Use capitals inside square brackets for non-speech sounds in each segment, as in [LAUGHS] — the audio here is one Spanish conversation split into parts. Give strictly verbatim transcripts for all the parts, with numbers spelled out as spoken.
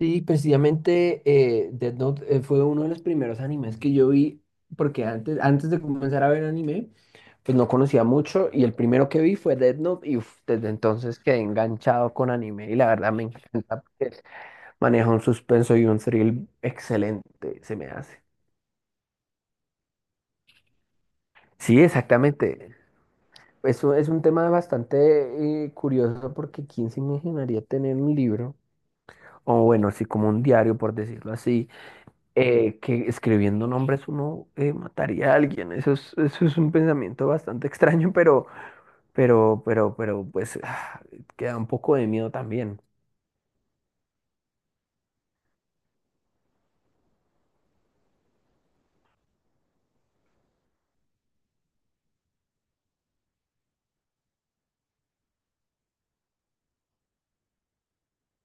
Sí, precisamente eh, Death Note eh, fue uno de los primeros animes que yo vi, porque antes, antes de comenzar a ver anime, pues no conocía mucho y el primero que vi fue Death Note y uf, desde entonces quedé enganchado con anime y la verdad me [LAUGHS] encanta porque maneja un suspenso y un thrill excelente, se me hace. Sí, exactamente. Eso es un tema bastante eh, curioso porque ¿quién se imaginaría tener un libro? O bueno, sí, como un diario, por decirlo así, eh, que escribiendo nombres uno eh, mataría a alguien. Eso es, eso es un pensamiento bastante [LAUGHS] extraño, pero, pero, pero, pero, pues, ah, queda un poco de miedo también.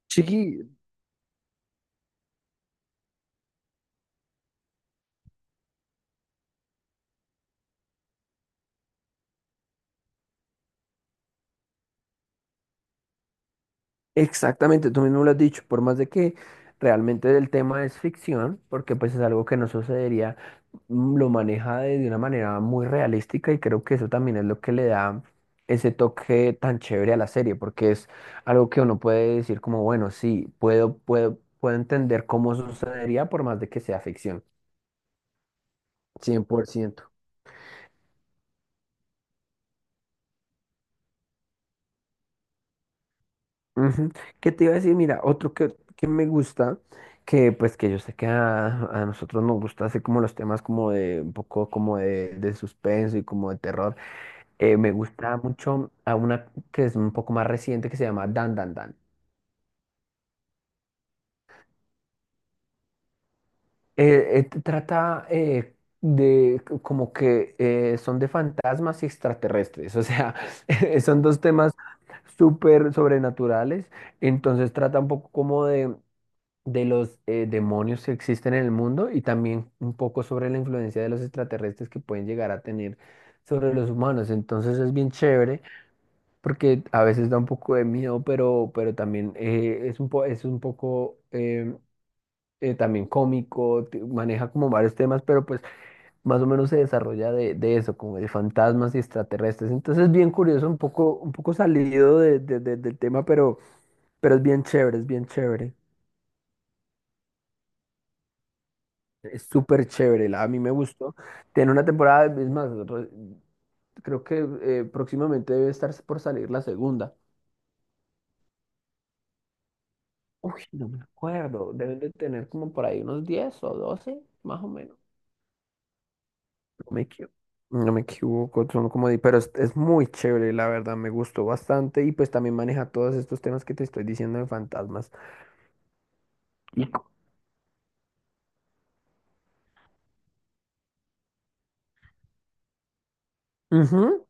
Sí, exactamente, tú mismo lo has dicho, por más de que realmente el tema es ficción, porque pues es algo que no sucedería, mm, lo maneja de, de una manera muy realística y creo que eso también es lo que le da ese toque tan chévere a la serie, porque es algo que uno puede decir como, bueno, sí, puedo, puedo, puedo entender cómo sucedería por más de que sea ficción, cien por ciento. Ujú. ¿Qué te iba a decir? Mira, otro que, que me gusta, que pues que yo sé que a, a nosotros nos gusta hacer como los temas como de un poco como de, de suspenso y como de terror. Eh, me gusta mucho a una que es un poco más reciente que se llama Dan Dan Dan. Eh, eh, t- trata eh, de c- como que eh, son de fantasmas y extraterrestres, o sea, [LAUGHS] eh, son dos temas súper sobrenaturales, entonces trata un poco como de de los eh, demonios que existen en el mundo y también un poco sobre la influencia de los extraterrestres que pueden llegar a tener sobre los humanos. Entonces es bien chévere porque a veces da un poco de miedo, pero, pero también eh, es un po- es un poco eh, eh, también cómico, te- maneja como varios temas, pero pues más o menos se desarrolla de, de eso, como de fantasmas y extraterrestres. Entonces es bien curioso, un poco, un poco salido de- de- de- del tema, pero, pero es bien chévere, es bien chévere. Es súper chévere, la- a mí me gustó. Tiene una temporada, es más, nosotros- creo que eh, próximamente debe estar por salir la segunda. Uy, no me acuerdo, deben de tener como por ahí unos diez o doce más o menos. No me equivoco. No me equivoco, son como, di- pero es, es muy chévere, la verdad, me gustó bastante y pues también maneja todos estos temas que te estoy diciendo de fantasmas. Y co- Ujú,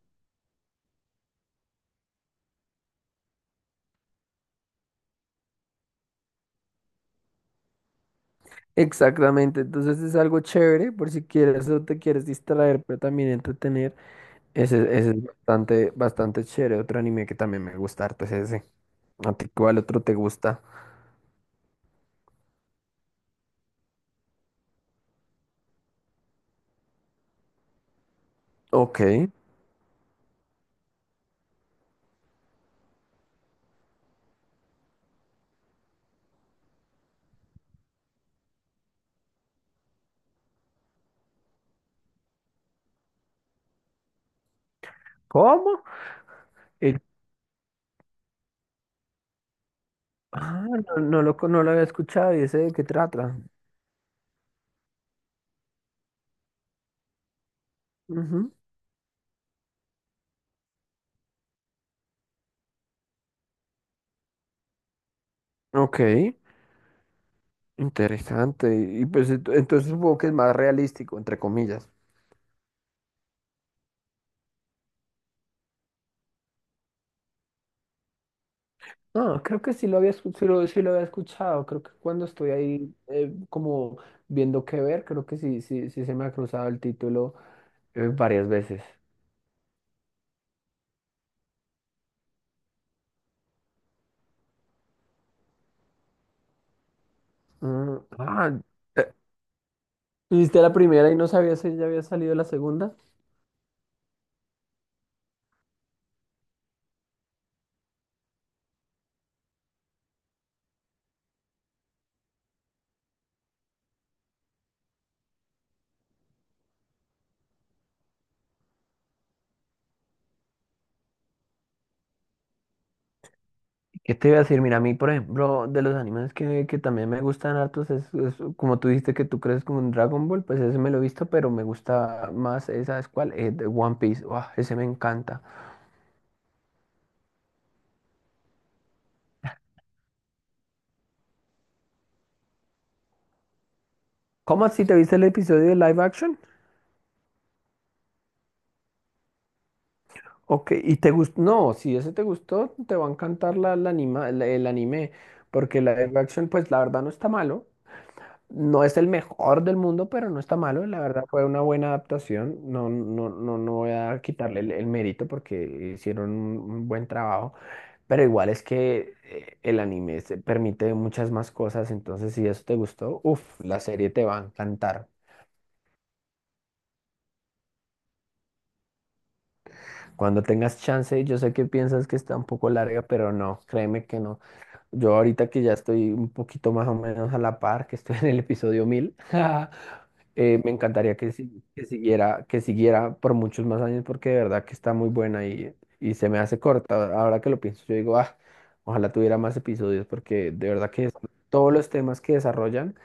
exactamente, entonces es algo chévere por si quieres o te quieres distraer, pero también entretener. Ese, ese es bastante, bastante chévere. Otro anime que también me gusta harto es ese. ¿A ti cuál otro te gusta? Ok. ¿Cómo? El- Ah, no, no lo, con- no lo había escuchado y ese de qué trata. Ujú. Ok, interesante. Y pues ent- entonces supongo que es más realístico, entre comillas. No, creo que sí lo había, escu- sí lo, sí lo había escuchado. Creo que cuando estoy ahí eh, como viendo qué ver, creo que sí, sí, sí se me ha cruzado el título eh, varias veces. Mm, ah, eh, ¿Y viste la primera y no sabías si ya había salido la segunda? ¿Qué te iba a decir? Mira, a mí, por ejemplo, de los animes que, que también me gustan hartos, es, es como tú dijiste que tú crees como un Dragon Ball, pues ese me lo he visto, pero me gusta más, esa es cuál, Eh, de One Piece, uah, ese me encanta. ¿Cómo así te viste el episodio de live action? Ok, y te gustó, no, si ese te gustó, te va a encantar la, la anima, la- el anime, porque la live action, pues la verdad no está malo, no es el mejor del mundo, pero no está malo. La verdad fue una buena adaptación. No, no, no, no voy a quitarle el, el mérito porque hicieron un, un buen trabajo. Pero igual es que eh, el anime se permite muchas más cosas. Entonces, si eso te gustó, uff, la serie te va a encantar. Cuando tengas chance, yo sé que piensas que está un poco larga, pero no, créeme que no. Yo ahorita que ya estoy un poquito más o menos a la par, que estoy en el episodio mil. [LAUGHS] Eh, me encantaría que, si- que siguiera, que siguiera por muchos más años porque de verdad que está muy buena y, y se me hace corta. Ahora que lo pienso, yo digo, ah, ojalá tuviera más episodios porque de verdad que es- todos los temas que desarrollan,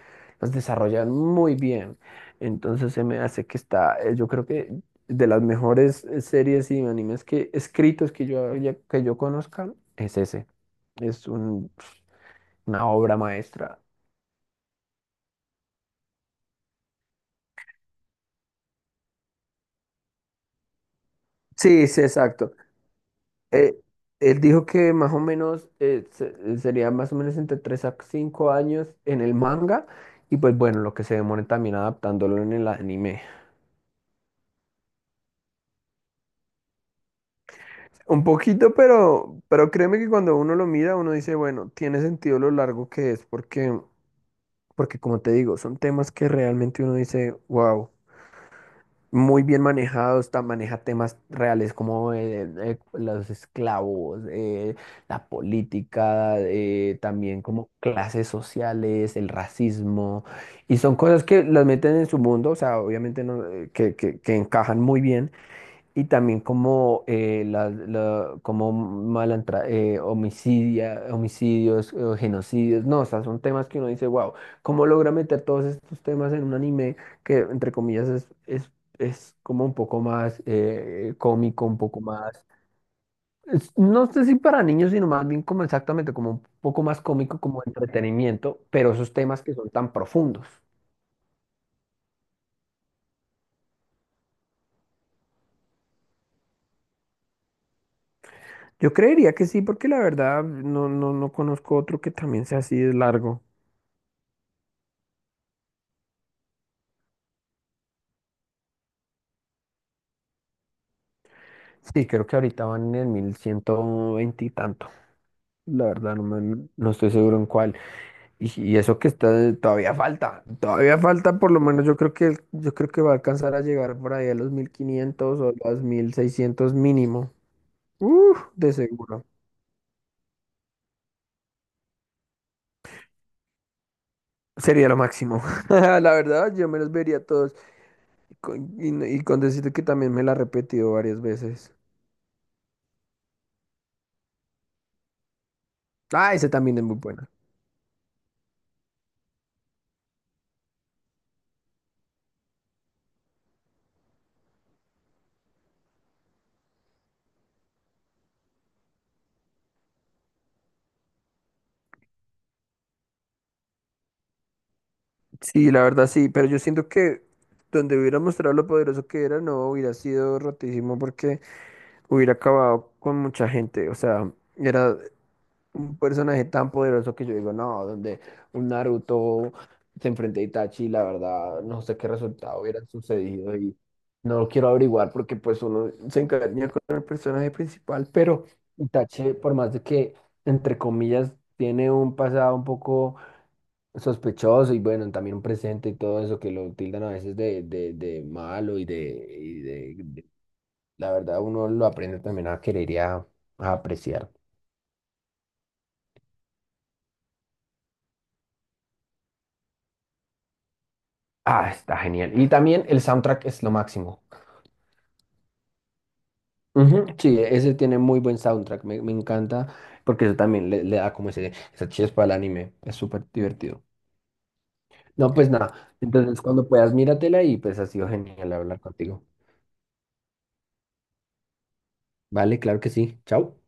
los desarrollan muy bien. Entonces se me hace que está, eh, yo creo que de las mejores eh, series y animes que escritos que yo haya- que yo conozca es ese. Es un- una obra maestra. Sí, sí, exacto. Eh, él dijo que más o menos eh, se- eh, sería más o menos entre tres a cinco años en el manga y pues bueno, lo que se demore también adaptándolo en el anime. Un poquito, pero, pero créeme que cuando uno lo mira, uno dice, bueno, tiene sentido lo largo que es porque, porque como te digo, son temas que realmente uno dice, wow. Muy bien manejado, está, maneja temas reales como eh, eh, los esclavos, eh, la política, eh, también como clases sociales, el racismo, y son cosas que las meten en su mundo, o sea, obviamente no, eh, que, que, que encajan muy bien, y también como, eh, la, la- como malantra, eh, homicidia, homicidios, eh, genocidios. No, o sea, son temas que uno dice, wow, ¿cómo logra meter todos estos temas en un anime que, entre comillas, es, es, es como un poco más eh, eh, cómico, un poco más... es- No sé si para niños, sino más bien como exactamente, como un poco más cómico, como entretenimiento, pero esos temas que son tan profundos. Yo creería que sí, porque la verdad no, no, no conozco otro que también sea así de largo. Sí, creo que ahorita van en el mil ciento veinte y tanto. La verdad, no, me- no estoy seguro en cuál. Y, y eso que está, todavía falta. Todavía falta, por lo menos yo creo que yo creo que va a alcanzar a llegar por ahí a los mil quinientos o los mil seiscientos mínimo. Uf, de seguro. Sería lo máximo. [LAUGHS] La verdad, yo me los vería todos. Y con, y no- y con decirte que también me la he repetido varias veces. Ah, ese también es muy bueno. Sí, la verdad sí, pero yo siento que donde hubiera mostrado lo poderoso que era, no hubiera sido rotísimo porque hubiera acabado con mucha gente. O sea, era un personaje tan poderoso que yo digo, no, donde un Naruto se enfrenta a Itachi, la verdad, no sé qué resultado hubiera sucedido y no lo quiero averiguar porque pues uno se encariña con el personaje principal, pero Itachi, por más de que, entre comillas, tiene un pasado un poco sospechoso y bueno, también un presente y todo eso que lo tildan a veces de, de, de malo y de, y de, de- la verdad, uno lo aprende también a querer y a, a apreciar. Ah, está genial. Y también el soundtrack es lo máximo. Ujú, sí, ese tiene muy buen soundtrack, me, me encanta, porque eso también le, le da como ese, esa chispa al anime, es súper divertido. No, pues nada, entonces cuando puedas míratela y pues ha sido genial hablar contigo. Vale, claro que sí, chao.